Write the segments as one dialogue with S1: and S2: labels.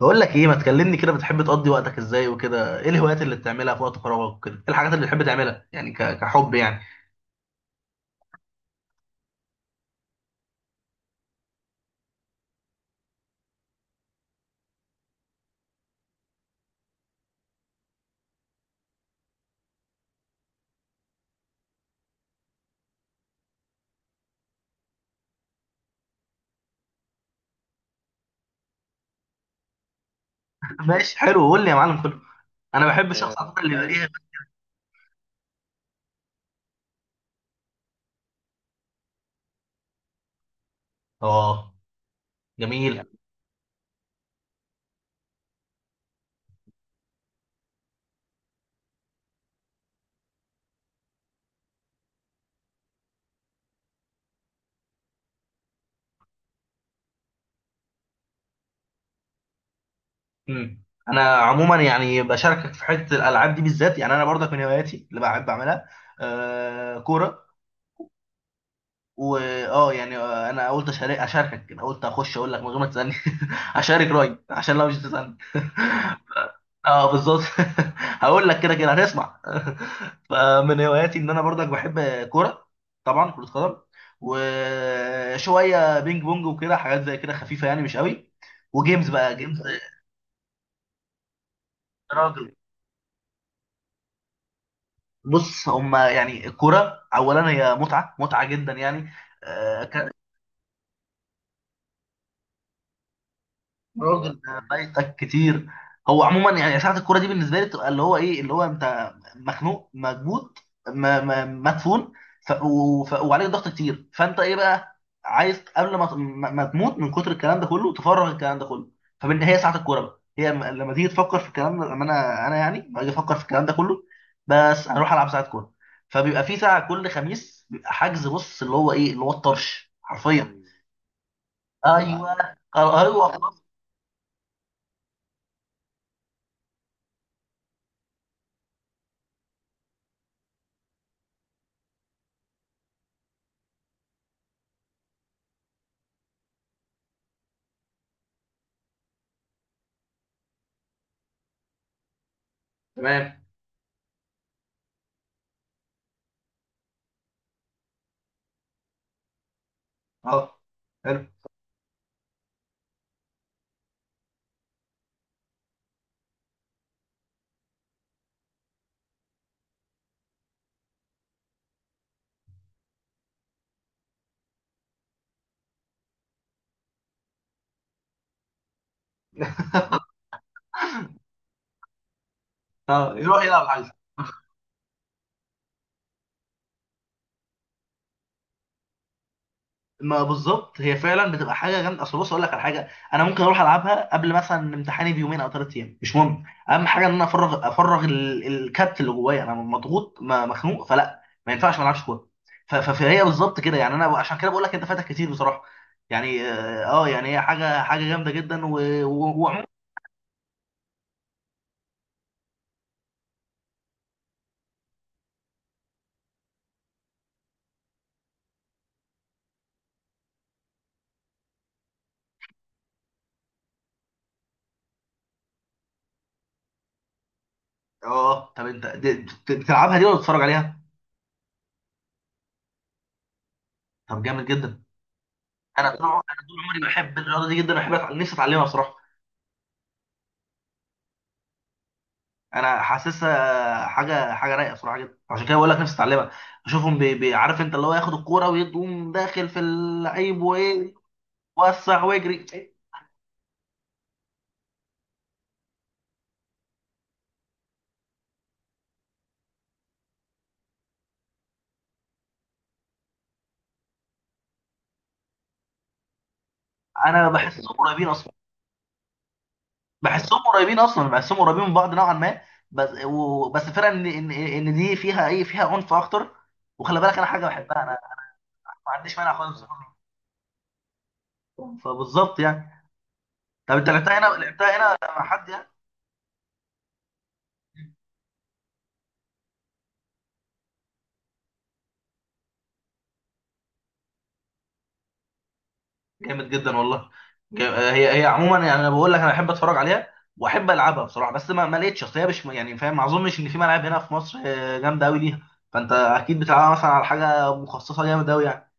S1: بقول لك ايه، ما تكلمني كده. بتحب تقضي وقتك ازاي وكده؟ ايه الهوايات اللي بتعملها في وقت فراغك وكده؟ ايه الحاجات اللي بتحب تعملها يعني، كحب يعني. ماشي، حلو. قول لي يا معلم كله. انا بحب الشخص على فكره اللي يبقى ليه. اه، يعني جميل. انا عموما يعني بشاركك في حته الالعاب دي بالذات، يعني انا برضك من هواياتي اللي بحب اعملها آه، كوره. واه يعني يعني انا قلت اشاركك، انا قلت اخش اقول لك من غير ما تسالني. اشارك رايي عشان لو مش تسالني اه، بالظبط. هقول لك كده كده هنسمع فمن هواياتي ان انا برضك بحب كوره. طبعا كره قدم، وشويه بينج بونج وكده، حاجات زي كده خفيفه يعني، مش قوي. وجيمز بقى جيمز. راجل، بص هما يعني الكوره اولا هي متعه متعه جدا يعني. راجل، ده فايتك كتير. هو عموما يعني ساعة الكورة دي بالنسبة لي بتبقى اللي هو ايه، اللي هو انت مخنوق مكبوت، مدفون. وعليك ضغط كتير، فانت ايه بقى عايز قبل ما ت- ما ما تموت من كتر الكلام ده كله، تفرغ الكلام ده كله. فبالنهاية ساعة الكورة بقى هي لما تيجي تفكر في الكلام ده، لما انا يعني باجي افكر في الكلام ده كله، بس اروح العب ساعة كورة. فبيبقى في ساعة كل خميس بيبقى حجز، بص اللي هو ايه، اللي هو الطرش حرفيا. ايوه، ايوه، ايوه، خلاص. تمام. اه، حلو. اه، يروح يلعب عايز. ما بالظبط، هي فعلا بتبقى حاجه جامده. اصل بص اقول لك على حاجه، انا ممكن اروح العبها قبل مثلا امتحاني بيومين او ثلاث ايام، مش مهم. اهم حاجه ان انا افرغ، افرغ الكبت اللي جوايا. انا مضغوط، مخنوق، فلا ما ينفعش ما العبش كوره. فهي بالظبط كده، يعني انا عشان كده بقول لك انت فاتك كتير بصراحه. يعني اه يعني هي حاجه حاجه جامده جدا، وعموما. اه طب انت بتلعبها دي ولا بتتفرج عليها؟ طب جامد جدا. انا طول عمري، انا طول عمري بحب الرياضه دي جدا، بحب نفسي اتعلمها بصراحه. انا حاسسها حاجه حاجه رايقه بصراحه جدا، عشان كده بقول لك نفسي اتعلمها. اشوفهم بي بي عارف انت، اللي هو ياخد الكوره ويقوم داخل في اللعيب وايه، وسع ويجري. انا بحسهم قريبين اصلا، بحسهم قريبين اصلا، بحسهم قريبين من بعض نوعا ما. بس بس الفرق ان دي فيها ايه، فيها عنف اكتر. وخلي بالك انا حاجه بحبها انا، ما عنديش مانع خالص. فبالظبط يعني. طب انت لعبتها هنا، لعبتها هنا مع حد يعني؟ جامد جدا والله. هي عموما يعني، انا بقول لك انا بحب اتفرج عليها واحب العبها بصراحه، بس ما لقيتش. اصل هي مش يعني فاهم، ما اظنش ان في ملاعب هنا في مصر جامده قوي ليها. فانت اكيد بتلعبها مثلا على حاجه مخصصه جامد قوي يعني.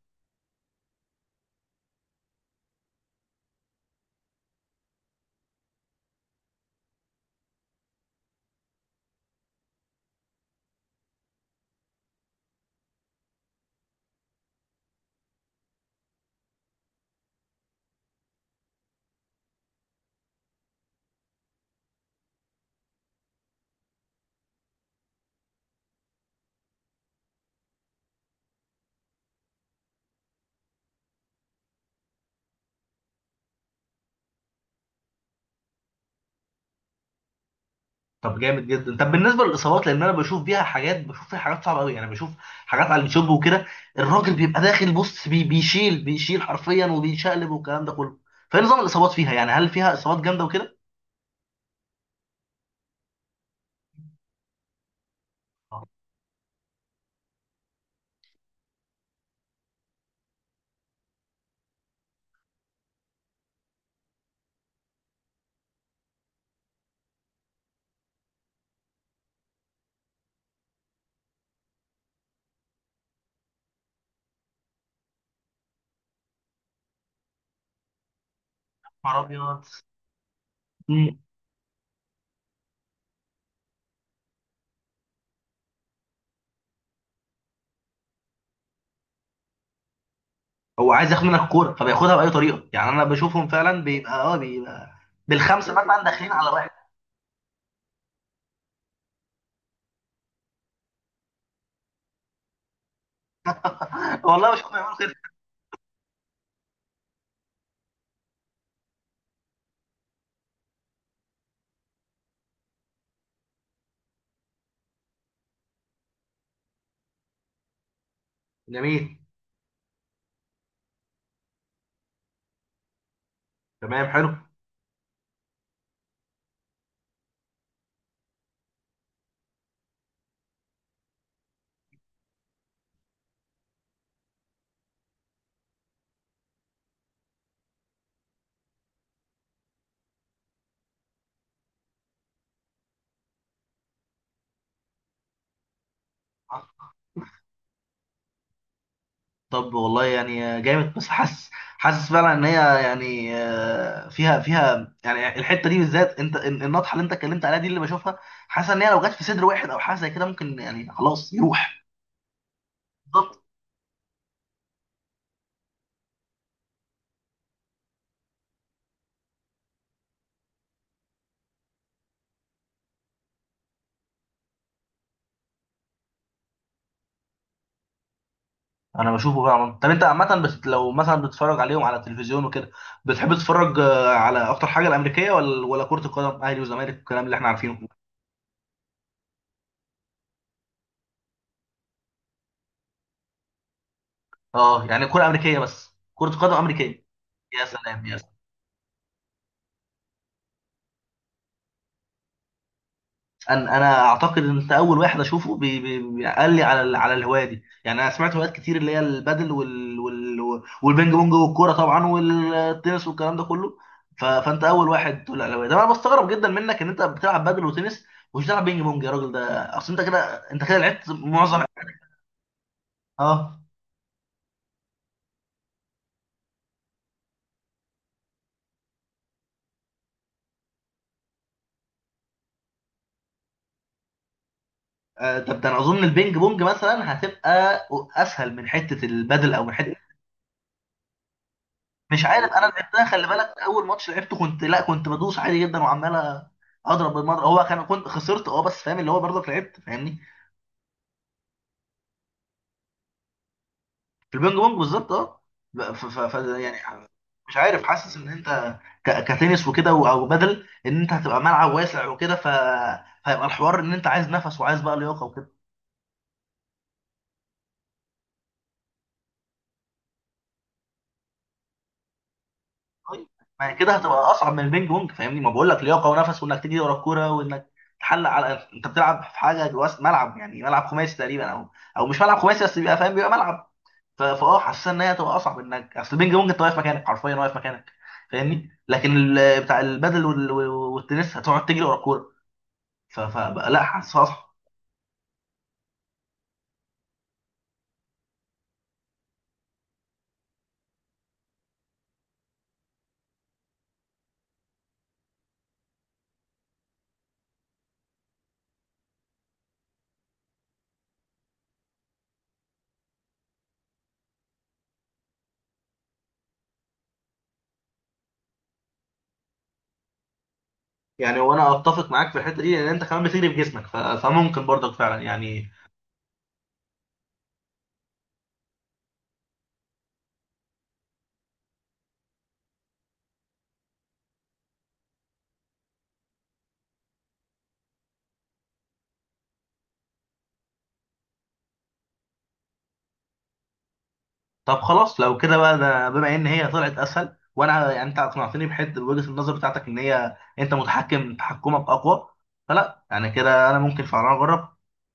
S1: طب جامد جدا. طب بالنسبه للاصابات، لان انا بشوف بيها حاجات، بشوف فيها حاجات صعبه قوي يعني، بشوف حاجات على اليوتيوب وكده. الراجل بيبقى داخل بص بيشيل بيشيل حرفيا وبيشقلب والكلام ده كله. فايه نظام الاصابات فيها يعني؟ هل فيها اصابات جامده وكده؟ يا نهار ابيض. هو عايز ياخد منك الكوره فبياخدها باي طريقه يعني، انا بشوفهم فعلا بيبقى بالخمسه مثلا داخلين على واحد. والله بشوفهم بيعملوا كده. جميل. تمام، حلو. طب والله يعني جامد. بس حاسس، حاسس فعلا ان هي يعني فيها، فيها يعني الحته دي بالذات، انت النطحه اللي انت اتكلمت عليها دي اللي بشوفها. حاسس ان هي لو جت في صدر واحد او حاجه زي كده، ممكن يعني خلاص يروح. انا بشوفه فعلا. طب انت عامه بس لو مثلا بتتفرج عليهم على التلفزيون وكده، بتحب تتفرج على اكتر حاجه، الامريكيه ولا كره القدم، اهلي وزمالك الكلام اللي احنا عارفينه؟ اه يعني كره امريكيه، بس كره قدم امريكيه. يا سلام يا. انا اعتقد ان انت اول واحد اشوفه قال لي على على الهوايه دي. يعني انا سمعت هوايات كتير اللي هي البادل والبينج بونج والكوره طبعا والتنس والكلام ده كله. فانت اول واحد تقول لي على الهوايه ده. انا بستغرب جدا منك ان انت بتلعب بادل وتنس ومش بتلعب بينج بونج يا راجل، ده اصل انت كده، انت كده لعبت معظم. اه طب ده انا اظن البينج بونج مثلا هتبقى اسهل من حته البادل او من حته. مش عارف، انا لعبتها خلي بالك، اول ماتش لعبته كنت، لا، كنت بدوس عادي جدا وعمال اضرب بالمضرب، هو كان كنت خسرت اه، بس فاهم اللي هو برضك لعبت فاهمني. في البينج بونج بالظبط اه. ب- ف ف ف يعني مش عارف، حاسس ان انت كتنس وكده، او بدل ان انت هتبقى ملعب واسع وكده، فيبقى الحوار ان انت عايز نفس وعايز بقى لياقه وكده. طيب. ما هي كده هتبقى اصعب من البينج بونج فاهمني، ما بقول لك لياقه ونفس، وانك تجري ورا الكوره وانك تحلق على، انت بتلعب في حاجه جوه ملعب، يعني ملعب خماسي تقريبا، او مش ملعب خماسي، بس بيبقى فاهم، بيبقى ملعب. ف- فاه حاسس ان هي هتبقى اصعب، انك اصل البينج بونج انت واقف مكانك حرفيا، واقف مكانك فاهمني. لكن بتاع البدل والتنس هتقعد تجري ورا الكوره. فبقى لا، حاسس اصعب. يعني وانا اتفق معاك في الحته دي، لان انت كمان بتجري بجسمك فممكن برضك فعلا يعني. طب خلاص لو كده بقى، ده بما ان هي طلعت اسهل، وانا يعني انت اقنعتني بحته بوجهه النظر بتاعتك، ان هي انت متحكم، تحكمك اقوى، فلا يعني كده انا ممكن فعلا اجرب.